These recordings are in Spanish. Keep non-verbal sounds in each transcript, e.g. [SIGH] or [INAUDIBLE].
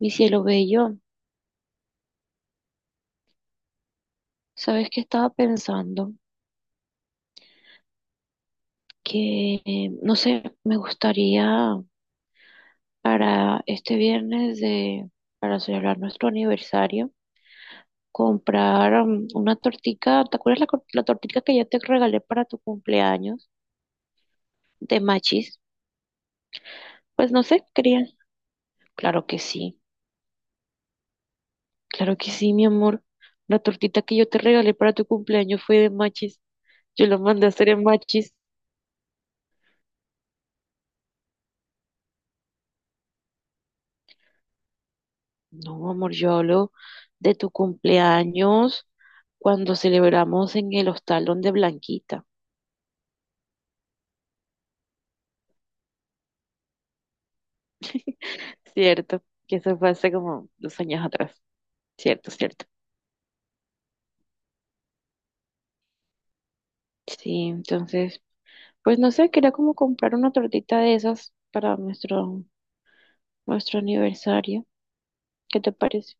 Mi cielo bello, ¿sabes qué estaba pensando? Que, no sé, me gustaría para este viernes de, para celebrar nuestro aniversario, comprar una tortica, ¿te acuerdas la, la tortica que ya te regalé para tu cumpleaños de machis? Pues no sé, quería. Claro que sí, claro que sí, mi amor. La tortita que yo te regalé para tu cumpleaños fue de machis. Yo la mandé a hacer en machis. No, amor, yo hablo de tu cumpleaños cuando celebramos en el hostal donde Blanquita, ¿cierto? Que eso fue hace como 2 años atrás, ¿cierto? ¿Cierto? Sí, entonces, pues no sé, quería como comprar una tortita de esas para nuestro aniversario. ¿Qué te parece?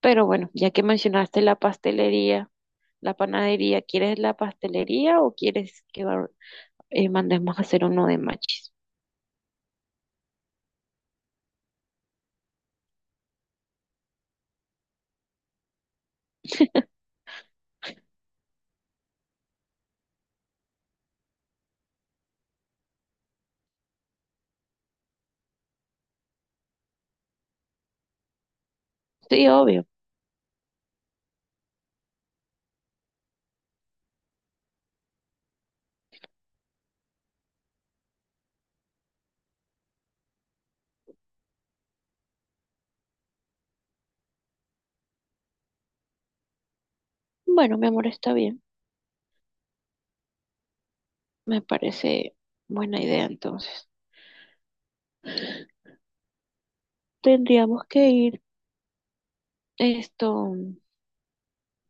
Pero bueno, ya que mencionaste la pastelería, la panadería, ¿quieres la pastelería o quieres que mandemos a hacer uno de machis? Sí, obvio. Bueno, mi amor, está bien. Me parece buena idea entonces. Tendríamos que ir, esto,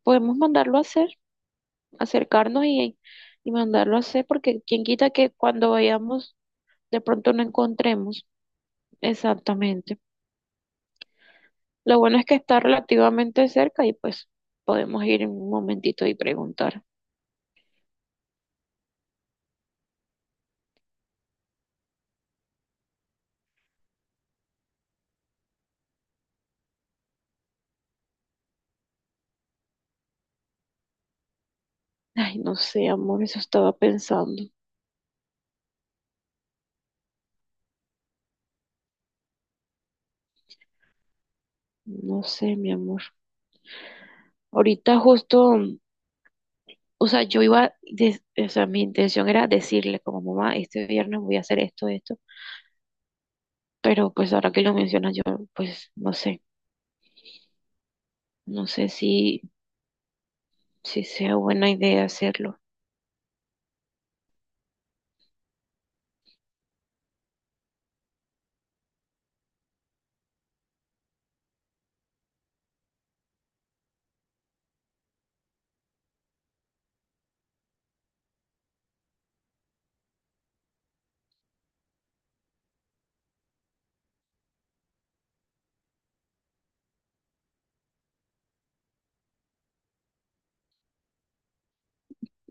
podemos mandarlo a hacer, acercarnos y mandarlo a hacer, porque quien quita que cuando vayamos de pronto no encontremos exactamente. Lo bueno es que está relativamente cerca y pues podemos ir en un momentito y preguntar. Ay, no sé, amor, eso estaba pensando. No sé, mi amor. Ahorita justo. O sea, yo iba, o sea, mi intención era decirle como mamá, este viernes voy a hacer esto, esto, pero pues ahora que lo mencionas, yo pues no sé si sea buena idea hacerlo.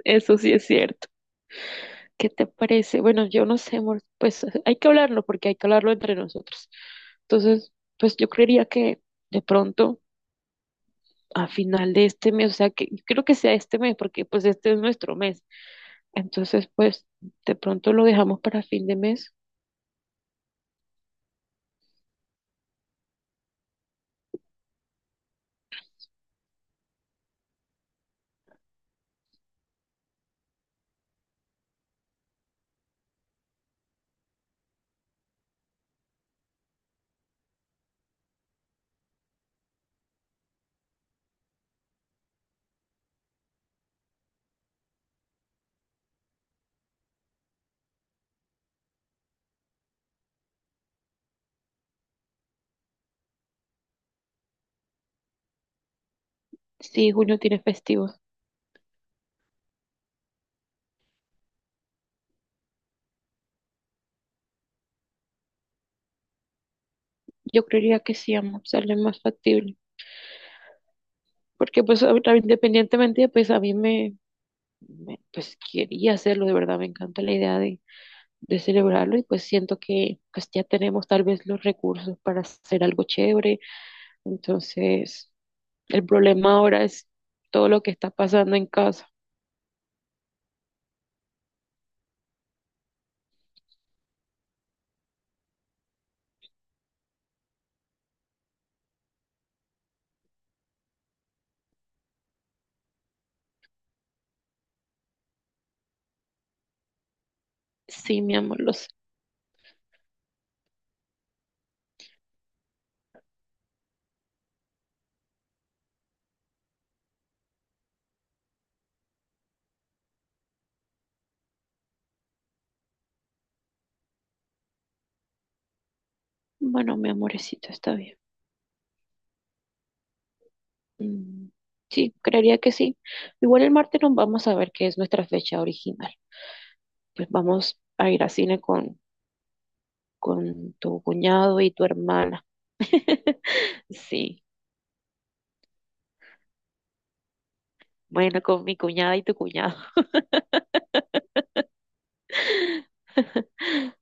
Eso sí es cierto. ¿Qué te parece? Bueno, yo no sé, amor, pues hay que hablarlo porque hay que hablarlo entre nosotros. Entonces, pues yo creería que de pronto a final de este mes, o sea, que creo que sea este mes porque pues este es nuestro mes. Entonces, pues de pronto lo dejamos para fin de mes. Sí, junio tiene festivo. Yo creería que sí, amo, sale más factible. Porque pues ahorita, independientemente, pues a mí me, pues quería hacerlo, de verdad, me encanta la idea de celebrarlo y pues siento que pues ya tenemos tal vez los recursos para hacer algo chévere. Entonces, el problema ahora es todo lo que está pasando en casa. Sí, mi amor, lo sé. Bueno, mi amorecito, está bien. Mm, sí, creería que sí. Igual el martes nos vamos a ver qué es nuestra fecha original. Pues vamos a ir a cine con tu cuñado y tu hermana. [LAUGHS] Sí, bueno, con mi cuñada y tu cuñado.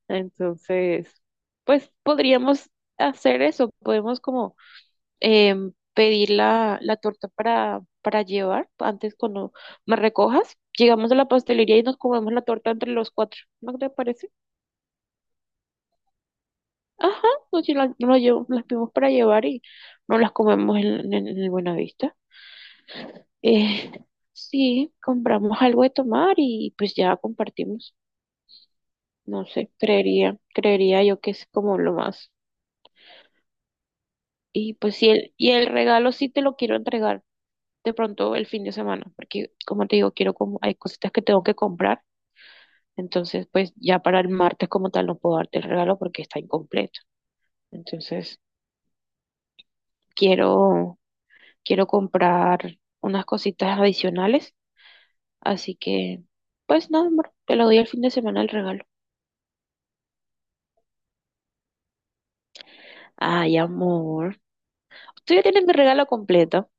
Entonces, pues podríamos hacer eso, podemos como pedir la torta para llevar antes cuando me recojas. Llegamos a la pastelería y nos comemos la torta entre los cuatro. ¿No te parece? Ajá, nos las pedimos para llevar y nos las comemos en el Buenavista. Eh, sí, compramos algo de tomar y pues ya compartimos. No sé, creería yo que es como lo más. Y pues sí, y el regalo sí te lo quiero entregar de pronto el fin de semana, porque como te digo, quiero como, hay cositas que tengo que comprar, entonces pues ya para el martes como tal no puedo darte el regalo porque está incompleto. Entonces quiero, quiero comprar unas cositas adicionales, así que pues nada, amor, te lo doy el fin de semana el regalo. Ay, amor. Tú ya tienes mi regalo completo.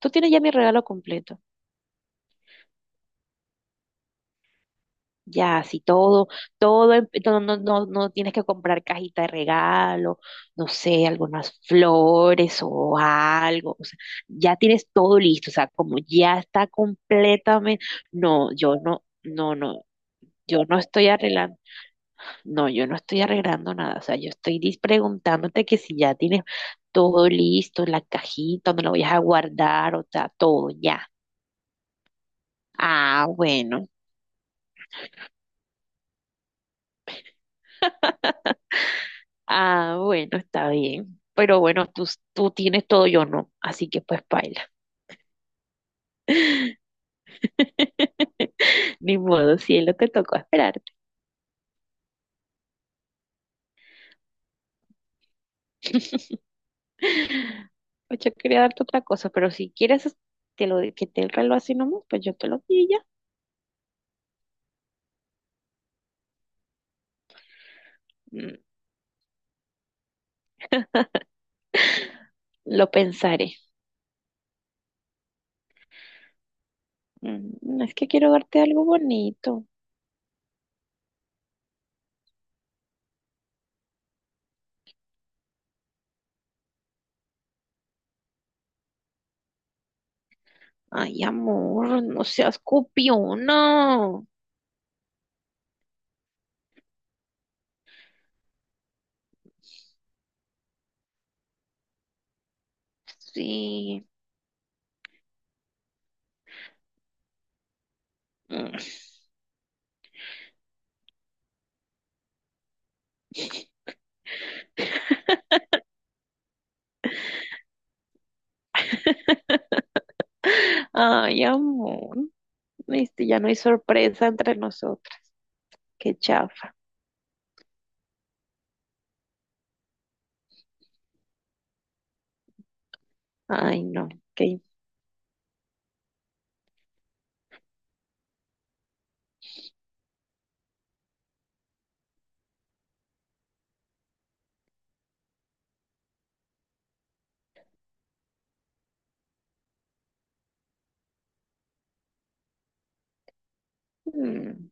Tú tienes ya mi regalo completo. Ya, sí, todo, todo, no, no, no, no tienes que comprar cajita de regalo, no sé, algunas flores o algo. O sea, ya tienes todo listo. O sea, como ya está completamente. No, yo no, no, no. Yo no estoy arreglando, no, yo no estoy arreglando nada. O sea, yo estoy preguntándote que si ya tienes todo listo, la cajita, donde lo vayas a guardar, o sea, todo ya. Ah, bueno. [LAUGHS] Ah, bueno, está bien. Pero bueno, tú tienes todo, yo no. Así que pues paila. [LAUGHS] Ni modo, cielo, te tocó esperarte. [LAUGHS] Pues yo quería darte otra cosa, pero si quieres que te el reloj así nomás, pues yo te lo di ya. Mm. [LAUGHS] Lo pensaré. Es que quiero darte algo bonito. Ay, amor, no seas copiona. Sí. Mm. [LAUGHS] Ay, amor. Ya no hay sorpresa entre nosotros. Qué chafa. Ay, no. Qué. Mm.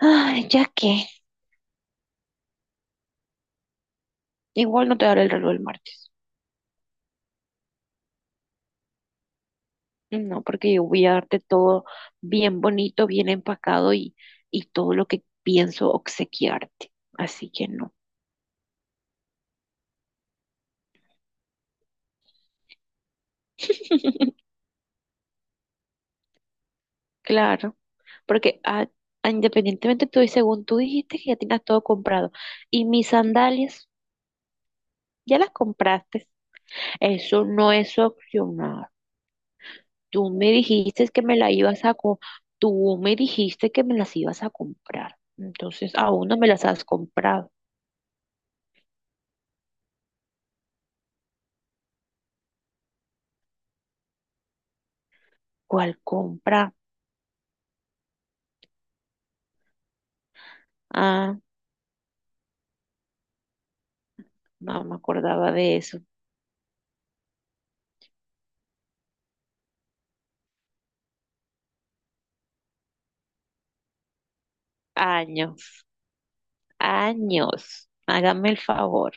Ay, ya que. Igual no te daré el reloj el martes. No, porque yo voy a darte todo bien bonito, bien empacado y todo lo que pienso obsequiarte. Así que no. Claro, porque independientemente tú, y según tú dijiste que ya tienes todo comprado y mis sandalias ya las compraste, eso no es opcional. Tú me dijiste que me las ibas a tú me dijiste que me las ibas a comprar. Entonces aún no me las has comprado. ¿Cuál compra? Ah, no me acordaba de eso. Años, años. Hágame el favor.